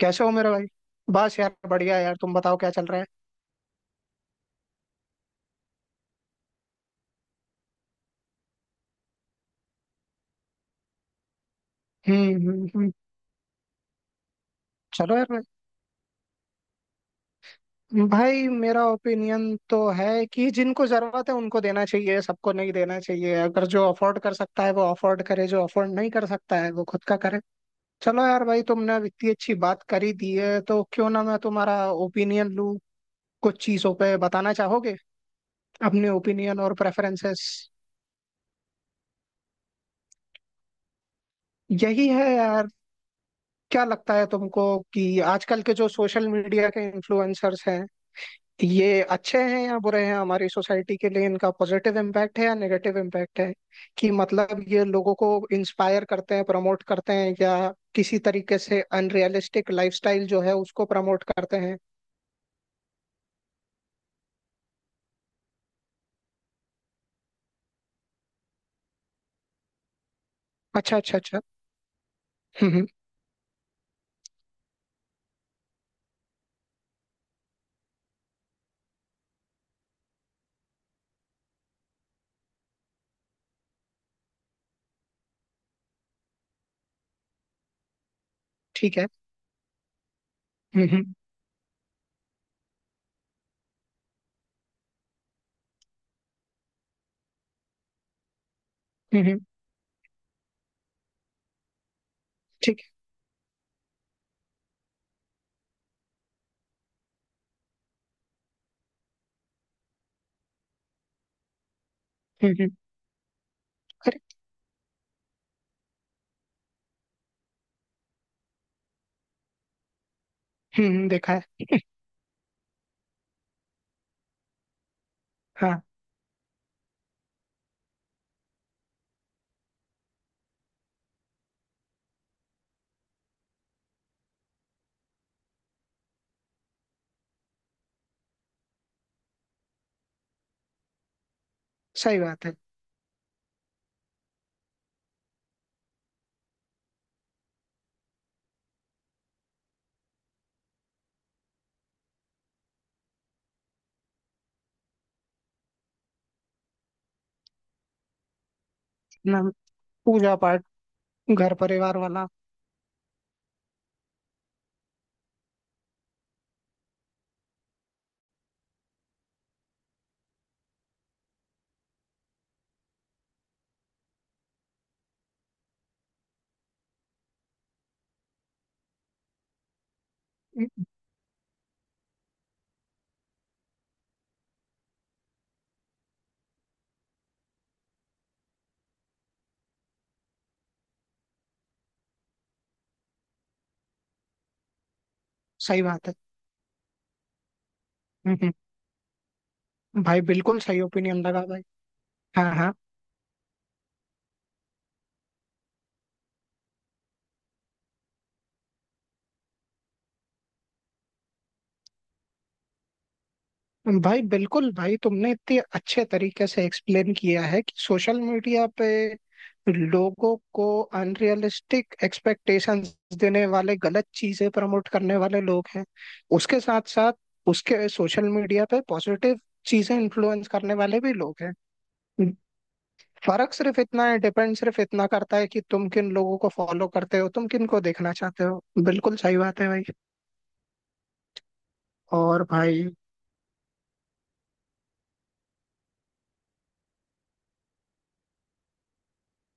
कैसे हो मेरे भाई। बस यार बढ़िया। यार तुम बताओ क्या चल रहा है। हम्म हम्म हम्म। चलो यार भाई। भाई, मेरा ओपिनियन तो है कि जिनको जरूरत है उनको देना चाहिए, सबको नहीं देना चाहिए। अगर जो अफोर्ड कर सकता है वो अफोर्ड करे, जो अफोर्ड नहीं कर सकता है वो खुद का करे। चलो यार भाई, तुमने अब इतनी अच्छी बात करी दी है तो क्यों ना मैं तुम्हारा ओपिनियन लूँ। कुछ चीजों पे बताना चाहोगे अपने ओपिनियन और प्रेफरेंसेस। यही है यार। क्या लगता है तुमको कि आजकल के जो सोशल मीडिया के इन्फ्लुएंसर्स हैं, ये अच्छे हैं या बुरे हैं हमारी सोसाइटी के लिए? इनका पॉजिटिव इम्पैक्ट है या नेगेटिव इम्पैक्ट है? कि मतलब ये लोगों को इंस्पायर करते हैं, प्रमोट करते हैं, या किसी तरीके से अनरियलिस्टिक लाइफस्टाइल जो है उसको प्रमोट करते हैं। अच्छा अच्छा अच्छा। हम्म हम्म, ठीक है। हम्म हम्म हम्म, हम्म, ठीक है। हम्म। अरे। देखा है। हाँ। सही बात है। ना, पूजा पाठ, घर परिवार वाला। हम्म, सही बात। है हम्म भाई बिल्कुल सही ओपिनियन लगा भाई। हाँ हाँ। भाई बिल्कुल भाई, तुमने इतने अच्छे तरीके से एक्सप्लेन किया है कि सोशल मीडिया पे लोगों को अनरियलिस्टिक एक्सपेक्टेशंस देने वाले, गलत चीजें प्रमोट करने वाले लोग हैं। उसके साथ साथ उसके सोशल मीडिया पे पॉजिटिव चीजें इन्फ्लुएंस करने वाले भी लोग हैं। फर्क सिर्फ इतना है, डिपेंड सिर्फ इतना करता है कि तुम किन लोगों को फॉलो करते हो, तुम किन को देखना चाहते हो। बिल्कुल सही बात है भाई। और भाई।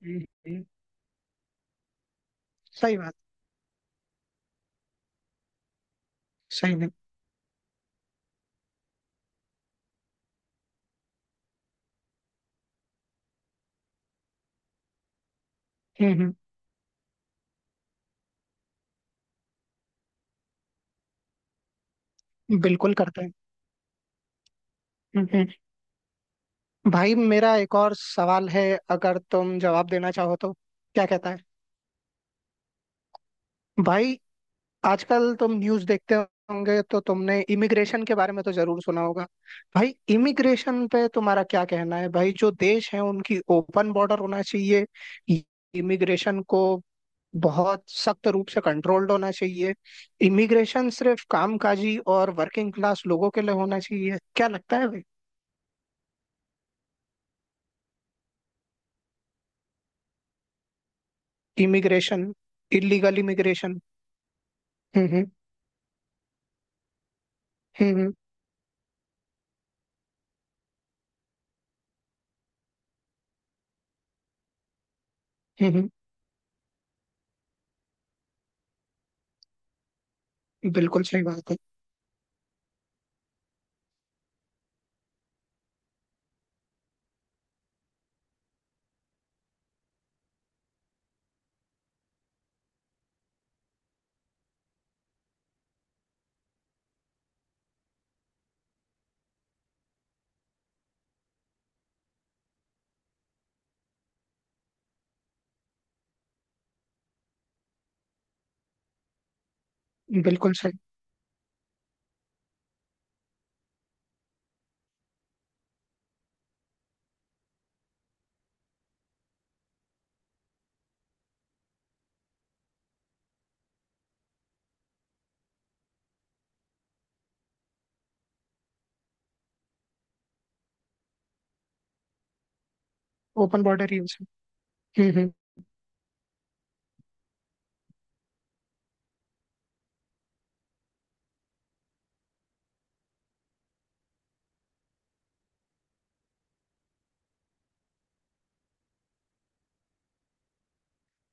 हम्म, हम्म, सही बात। सही नहीं। हम्म बिल्कुल करता है। हम्म। भाई मेरा एक और सवाल है, अगर तुम जवाब देना चाहो तो। क्या कहता है? भाई, आजकल तुम न्यूज़ देखते होंगे तो तुमने इमिग्रेशन के बारे में तो जरूर सुना होगा। भाई, इमिग्रेशन पे तुम्हारा क्या कहना है भाई? जो देश हैं उनकी ओपन बॉर्डर होना चाहिए? इमिग्रेशन को बहुत सख्त रूप से कंट्रोल्ड होना चाहिए? इमिग्रेशन सिर्फ कामकाजी और वर्किंग क्लास लोगों के लिए होना चाहिए? क्या लगता है भाई? इमिग्रेशन। Illegal immigration. हम्म। हम्म, हम्म। हम्म हम्म, बिल्कुल सही बात है। बिल्कुल सही। ओपन बॉर्डर यूज है। हम्म।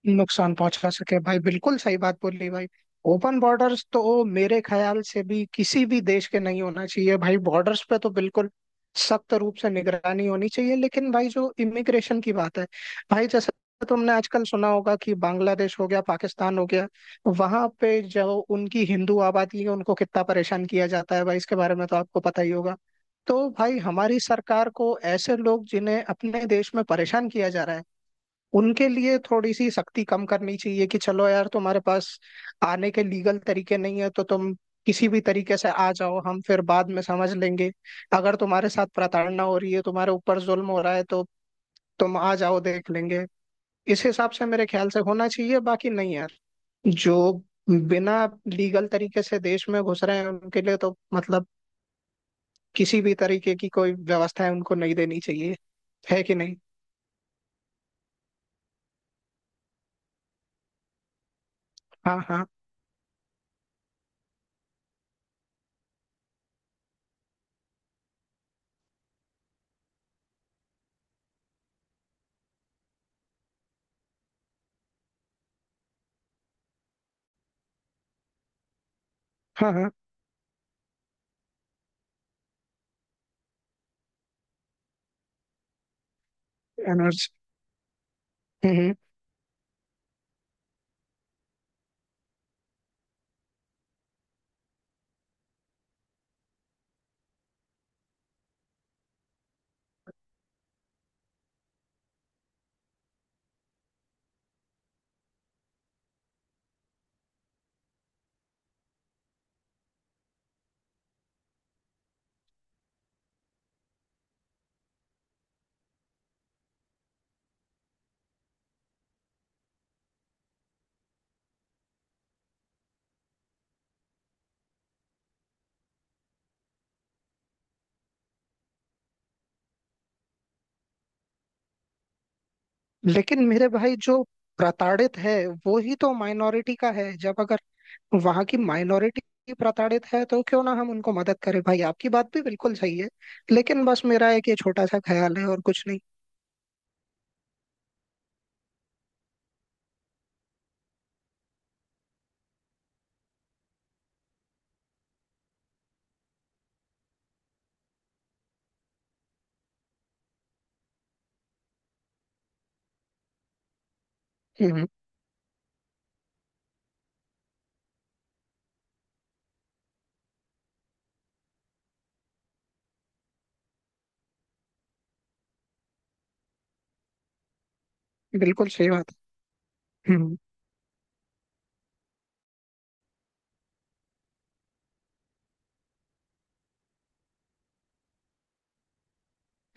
नुकसान पहुंचा सके। भाई बिल्कुल सही बात बोली भाई। ओपन बॉर्डर्स तो मेरे ख्याल से भी किसी भी देश के नहीं होना चाहिए भाई। बॉर्डर्स पे तो बिल्कुल सख्त रूप से निगरानी होनी चाहिए। लेकिन भाई जो इमिग्रेशन की बात है भाई, जैसे तुमने आजकल सुना होगा कि बांग्लादेश हो गया, पाकिस्तान हो गया, वहां पे जो उनकी हिंदू आबादी है उनको कितना परेशान किया जाता है भाई, इसके बारे में तो आपको पता ही होगा। तो भाई, हमारी सरकार को ऐसे लोग जिन्हें अपने देश में परेशान किया जा रहा है, उनके लिए थोड़ी सी सख्ती कम करनी चाहिए कि चलो यार, तुम्हारे पास आने के लीगल तरीके नहीं है तो तुम किसी भी तरीके से आ जाओ, हम फिर बाद में समझ लेंगे। अगर तुम्हारे साथ प्रताड़ना हो रही है, तुम्हारे ऊपर जुल्म हो रहा है, तो तुम आ जाओ, देख लेंगे। इस हिसाब से मेरे ख्याल से होना चाहिए, बाकी नहीं यार। जो बिना लीगल तरीके से देश में घुस रहे हैं उनके लिए तो मतलब किसी भी तरीके की कोई व्यवस्था है उनको नहीं देनी चाहिए। है कि नहीं? हाँ हाँ। हाँ हाँ। एनर्जी। हम्म, हम्म। लेकिन मेरे भाई, जो प्रताड़ित है वो ही तो माइनॉरिटी का है। जब अगर वहां की माइनॉरिटी प्रताड़ित है तो क्यों ना हम उनको मदद करें भाई। आपकी बात भी बिल्कुल सही है, लेकिन बस मेरा एक ये छोटा सा ख्याल है और कुछ नहीं। हम्म। बिल्कुल सही बात है।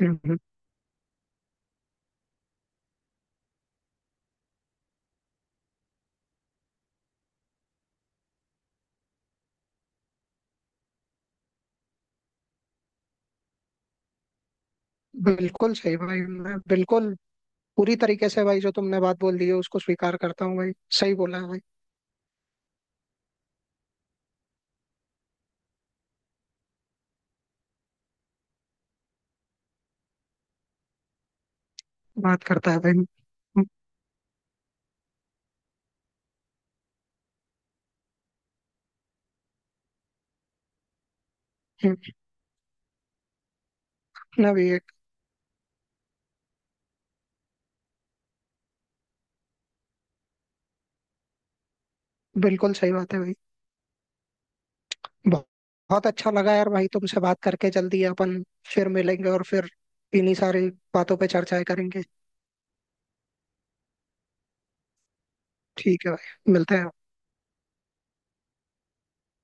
हम्म। बिल्कुल सही भाई, मैं बिल्कुल पूरी तरीके से भाई जो तुमने बात बोल दी है उसको स्वीकार करता हूँ भाई। सही बोला है भाई। बात करता है भाई। हम्म, ना भी एक। बिल्कुल सही बात है भाई। ब- बहुत अच्छा लगा यार भाई तुमसे बात करके। जल्दी अपन फिर मिलेंगे और फिर इन्हीं सारी बातों पे चर्चाएं करेंगे। ठीक है भाई, मिलते हैं।